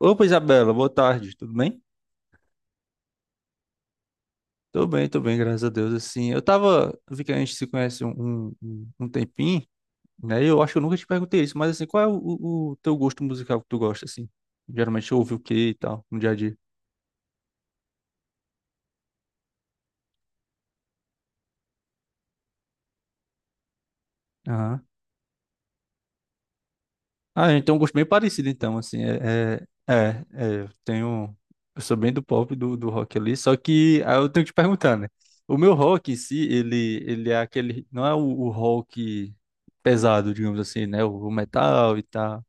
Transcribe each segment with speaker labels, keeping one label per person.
Speaker 1: Opa, Isabela, boa tarde, tudo bem? Tô bem, tô bem, graças a Deus, assim, eu vi que a gente se conhece um tempinho, né, e eu acho que eu nunca te perguntei isso, mas assim, qual é o teu gosto musical que tu gosta, assim? Geralmente eu ouvi o que e tal, no dia a dia? Ah, então um gosto bem parecido, então, assim, eu tenho, eu sou bem do pop, do rock ali, só que aí eu tenho que te perguntar, né, o meu rock em si, ele é aquele, não é o rock pesado, digamos assim, né, o metal e tal,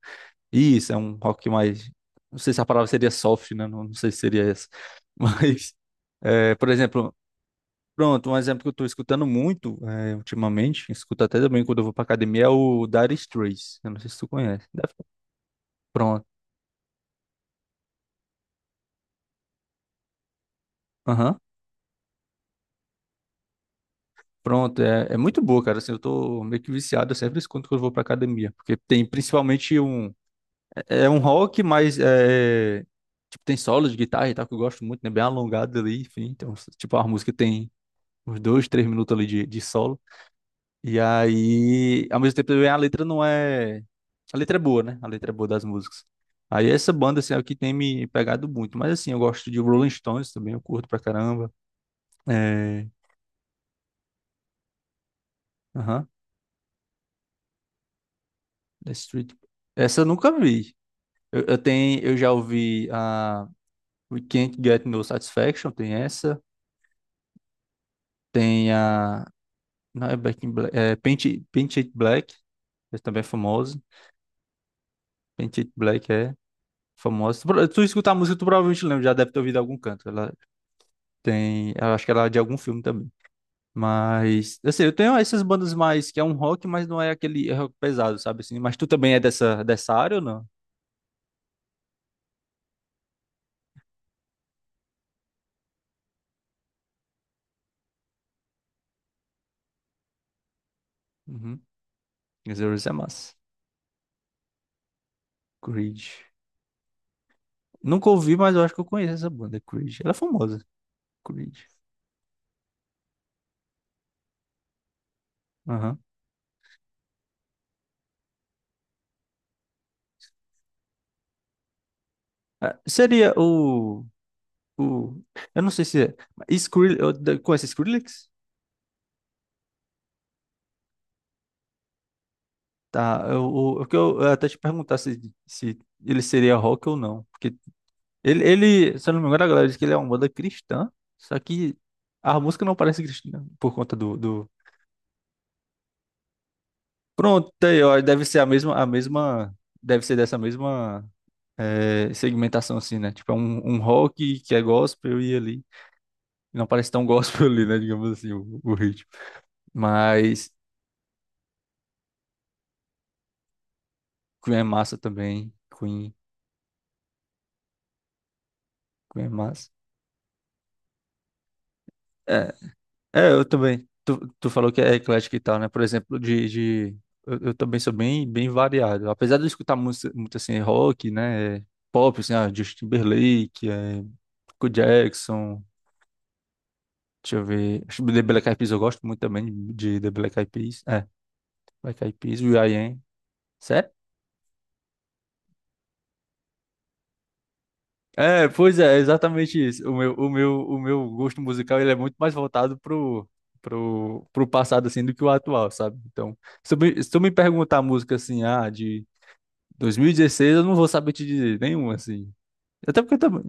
Speaker 1: isso, é um rock mais, não sei se a palavra seria soft, né, não sei se seria essa, mas, é, por exemplo, pronto, um exemplo que eu tô escutando muito, é, ultimamente, escuto até também quando eu vou pra academia, é o Dire Straits, eu não sei se tu conhece. Pronto. Aham. Pronto, é muito boa, cara. Assim, eu tô meio que viciado, eu sempre escuto quando eu vou pra academia. Porque tem principalmente um. É um rock, mas é. Tipo, tem solos de guitarra e tal, que eu gosto muito, né? Bem alongado ali, enfim. Então, tipo, a música tem uns dois, três minutos ali de solo. E aí, ao mesmo tempo, também a letra não é. A letra é boa, né? A letra é boa das músicas. Aí essa banda, assim, é o que tem me pegado muito. Mas assim, eu gosto de Rolling Stones também, eu curto pra caramba. É. Aham. The Street. Essa eu nunca vi. Eu tenho, eu já ouvi a We Can't Get No Satisfaction, tem essa. Tem a. Não é Back in Black. É Paint It Black, essa também é famosa. Paint It Black é famosa. Tu escutar a música, tu provavelmente lembra, já deve ter ouvido em algum canto. Ela tem. Eu acho que ela é de algum filme também. Mas, assim, eu tenho essas bandas mais que é um rock, mas não é aquele rock pesado, sabe assim? Mas tu também é dessa área ou não? Uhum. Zeros é massa. Creed. Nunca ouvi, mas eu acho que eu conheço essa banda, Creed. Ela é famosa. Creed. Aham. Ah, seria o. Eu não sei se é. Skrillex, com esse Skrillex? Tá. Eu o que eu, até te perguntar se ele seria rock ou não. Porque ele, se eu não me engano, a galera diz que ele é uma banda cristã. Só que a música não parece cristã né, por conta do... Pronto, tá aí, ó, deve ser a mesma, a mesma. Deve ser dessa mesma segmentação, assim, né? Tipo, é um rock que é gospel e ali. Não parece tão gospel ali, né? Digamos assim, o ritmo. Mas Queen é massa também. Queen é massa. É, eu também. Tu falou que é eclético e tal, né? Por exemplo, de eu também sou bem, bem variado. Apesar de eu escutar música, muito assim, rock, né? Pop, assim, ah, Justin Timberlake, é, Michael Jackson, deixa eu ver. Acho que The Black Eyed Peas eu gosto muito também de The Black Eyed Peas. É, Black Eyed Peas, will.i.am. É, pois é, exatamente isso. O meu gosto musical ele é muito mais voltado pro passado assim do que o atual, sabe? Então, se tu me perguntar a música assim, ah, de 2016, eu não vou saber te dizer nenhuma assim. Até porque também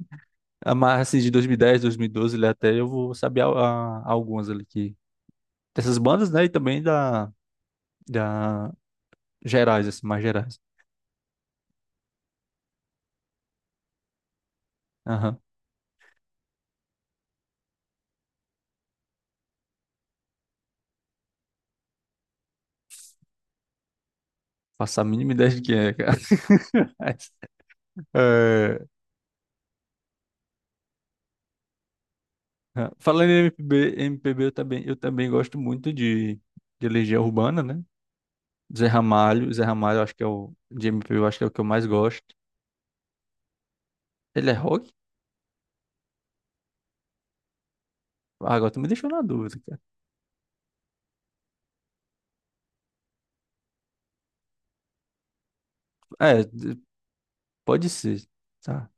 Speaker 1: a mais assim de 2010, 2012, ali até eu vou saber algumas ali que dessas bandas, né, e também da gerais assim, mais gerais. Aham. Faço a mínima ideia de quem é, cara. É, ah, falando em MPB eu também, gosto muito de Legião Urbana, né? Zé Ramalho eu acho que é o de MPB, eu acho que é o que eu mais gosto. Ele é rock? Ah, agora tu me deixou na dúvida, cara. É, d- Pode ser, tá?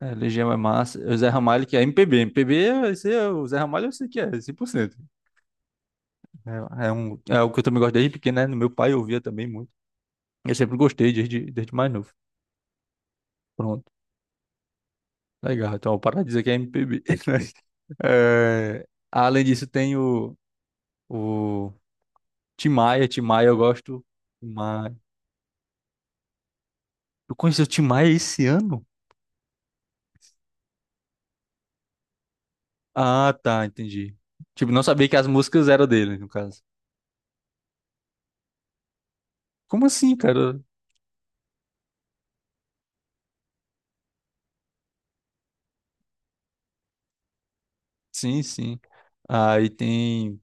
Speaker 1: É, Legião é massa. É o Zé Ramalho que é MPB, esse é, o Zé Ramalho eu sei que é, 100%. Um, é o que eu também gosto desde pequeno, né? No, meu pai eu ouvia também muito. Eu sempre gostei desde mais novo. Pronto, legal. Então, para de dizer que é MPB. É, além disso, tem o Tim Maia, Tim Maia, eu gosto. Tim Maia. Tu conheceu o Tim Maia esse ano? Ah, tá, entendi. Tipo, não sabia que as músicas eram dele, no caso. Como assim, cara? Sim, sim. Aí tem.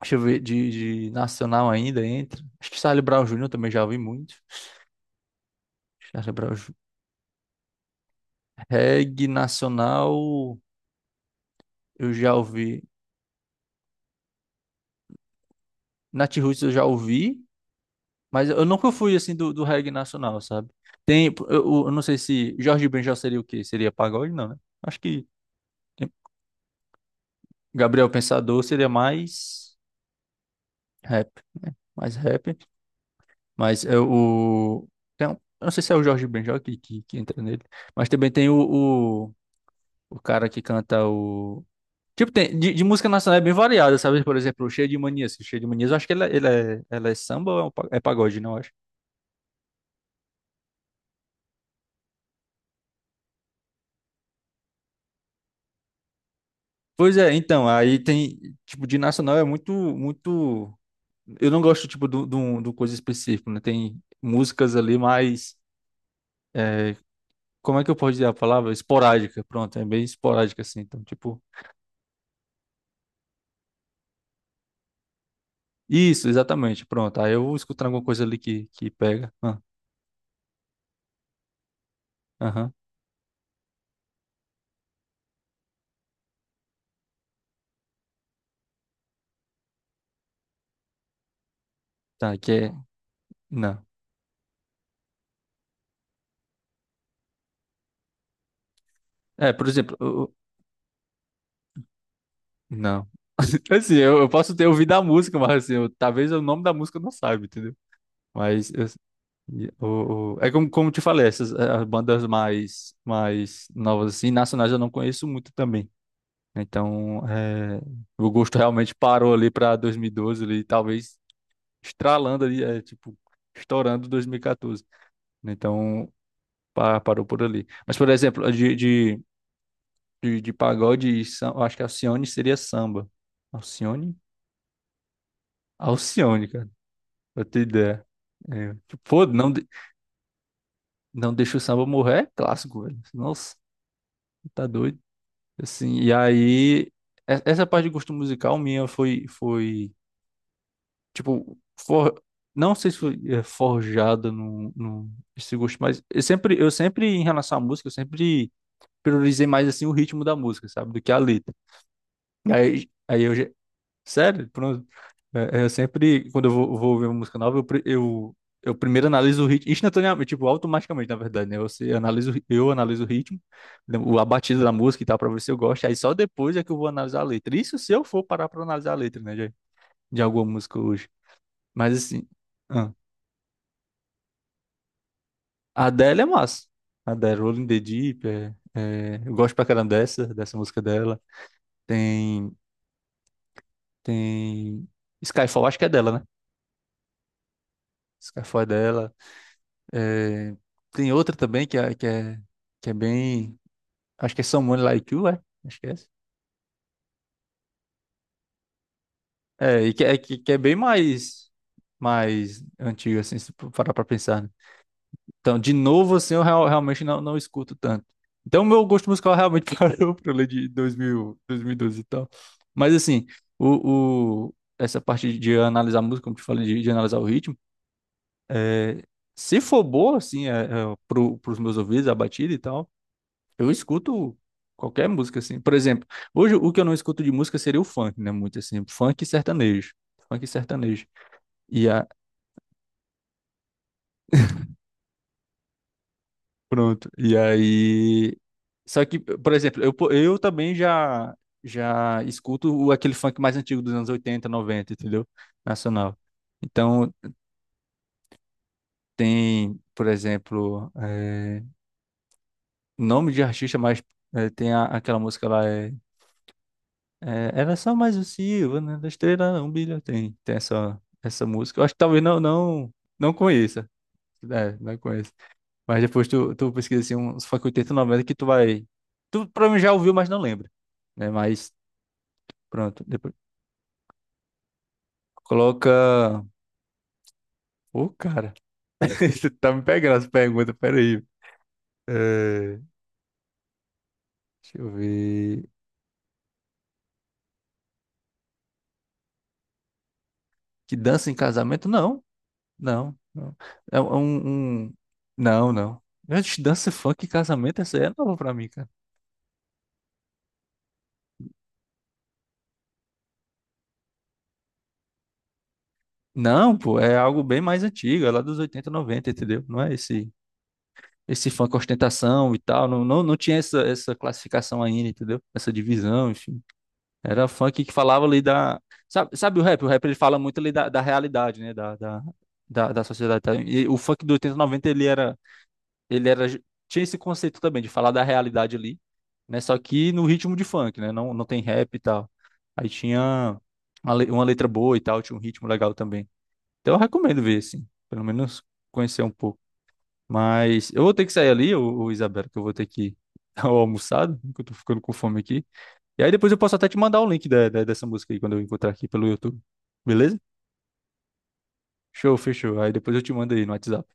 Speaker 1: Deixa eu ver, de nacional ainda entra. Acho que Charlie Brown Júnior também já ouvi muito. Charlie Brown Jr. Reggae nacional, eu já ouvi. Nat Roots eu já ouvi. Mas eu nunca fui assim do reggae nacional, sabe? Tem, não sei se Jorge Benjor seria o quê? Seria pagode? Não, né? Acho que Gabriel Pensador seria mais rap, né? Mais rap. Mas é o. Tem, um- eu não sei se é o Jorge Benjor que entra nele. Mas também tem o cara que canta o. Tipo, tem, de música nacional é bem variada, sabe? Por exemplo, o Cheio de Manias. Cheio de Manias, eu acho que ele é, ela é samba ou é um é pagode, não? Pois é, então, aí tem, tipo, de nacional é muito, muito, eu não gosto, tipo, do coisa específica, né? Tem músicas ali mais, é, como é que eu posso dizer a palavra? Esporádica, pronto, é bem esporádica, assim, então, tipo, isso, exatamente, pronto, aí eu vou escutando alguma coisa ali que pega, ah, aham, tá, que é, não, é, por exemplo, não, assim, eu posso ter ouvido a música, mas, assim, eu- talvez o nome da música eu não saiba, entendeu? Mas eu, e é como te falei, essas as bandas mais, mais novas, assim, nacionais eu não conheço muito também. Né? Então, o gosto realmente parou ali para 2012, ali, talvez estralando ali, tipo, estourando 2014. Então, parou por ali. Mas, por exemplo, de pagode, e eu acho que Alcione seria samba. Alcione? Alcione, cara, pra ter ideia. É, tipo, pô, não, não deixa o samba morrer, é clássico, velho. Nossa, tá doido. Assim, e aí, essa parte de gosto musical minha foi, tipo, for, não sei se foi é, forjada no esse gosto, mas eu sempre, em relação à música, eu sempre priorizei mais, assim, o ritmo da música, sabe, do que a letra. Aí eu, já- Sério? Pronto. Eu sempre, quando vou ouvir uma música nova, eu primeiro analiso o ritmo, instantaneamente, tipo, automaticamente, na verdade, né? Você analisa, eu analiso o ritmo, né, a batida da música e tal, pra ver se eu gosto. Aí só depois é que eu vou analisar a letra. Isso se eu for parar pra analisar a letra, né? De alguma música hoje. Mas assim, ah, a Adele é massa. A Adele, Rolling in the Deep, eu gosto pra caramba dessa música dela. Tem, tem Skyfall, acho que é dela, né? Skyfall é dela. É, tem outra também que é bem. Acho que é Someone Like You, é? Acho que é essa. É, e que é, que é bem mais, mais antigo, assim, se for parar pra pensar, né? Então, de novo, assim, eu realmente não escuto tanto. Então, meu gosto musical realmente parou pra ler de 2000, 2012 e doze e tal. Mas, assim, essa parte de analisar a música, como te falei, de analisar o ritmo, é, se for boa, assim, pros meus ouvidos, a batida e tal. Eu escuto qualquer música, assim. Por exemplo, hoje o que eu não escuto de música seria o funk, né? Muito assim, funk e sertanejo. Funk e sertanejo. E a... Pronto. E aí. Só que, por exemplo, eu também já escuto aquele funk mais antigo dos anos 80, 90, entendeu? Nacional. Então, tem, por exemplo, nome de artista, mas tem aquela música lá. É, É, era só mais o Silva, né? Da estrela não brilha. Tem essa música. Eu acho que talvez não conheça. É, não conheça. Mas depois tu pesquisa assim, uns funk 80, 90 que tu vai. Tu provavelmente já ouviu, mas não lembra. Né? Mas pronto. Depois coloca. Ô, cara. Você tá me pegando as perguntas, peraí. É, deixa eu ver. Que dança em casamento? Não, não, não. É um, não, não. Gente, dança funk em casamento, essa aí é nova pra mim, cara. Não, pô, é algo bem mais antigo, é lá dos 80, 90, entendeu? Não é esse funk com ostentação e tal, não, não, não tinha essa classificação ainda, entendeu? Essa divisão, enfim. Era funk que falava ali da... Sabe o rap? O rap ele fala muito ali da realidade, né? Da sociedade. Tá? E o funk do 80, 90 ele era... Tinha esse conceito também de falar da realidade ali, né? Só que no ritmo de funk, né? Não tem rap e tal. Aí tinha uma letra boa e tal, tinha um ritmo legal também. Então eu recomendo ver, assim, pelo menos conhecer um pouco. Mas eu vou ter que sair ali, ô Isabela, que eu vou ter que dar o almoçado, que eu tô ficando com fome aqui. E aí depois eu posso até te mandar o link dessa música aí, quando eu encontrar aqui pelo YouTube. Beleza? Show, fechou. Aí depois eu te mando aí no WhatsApp.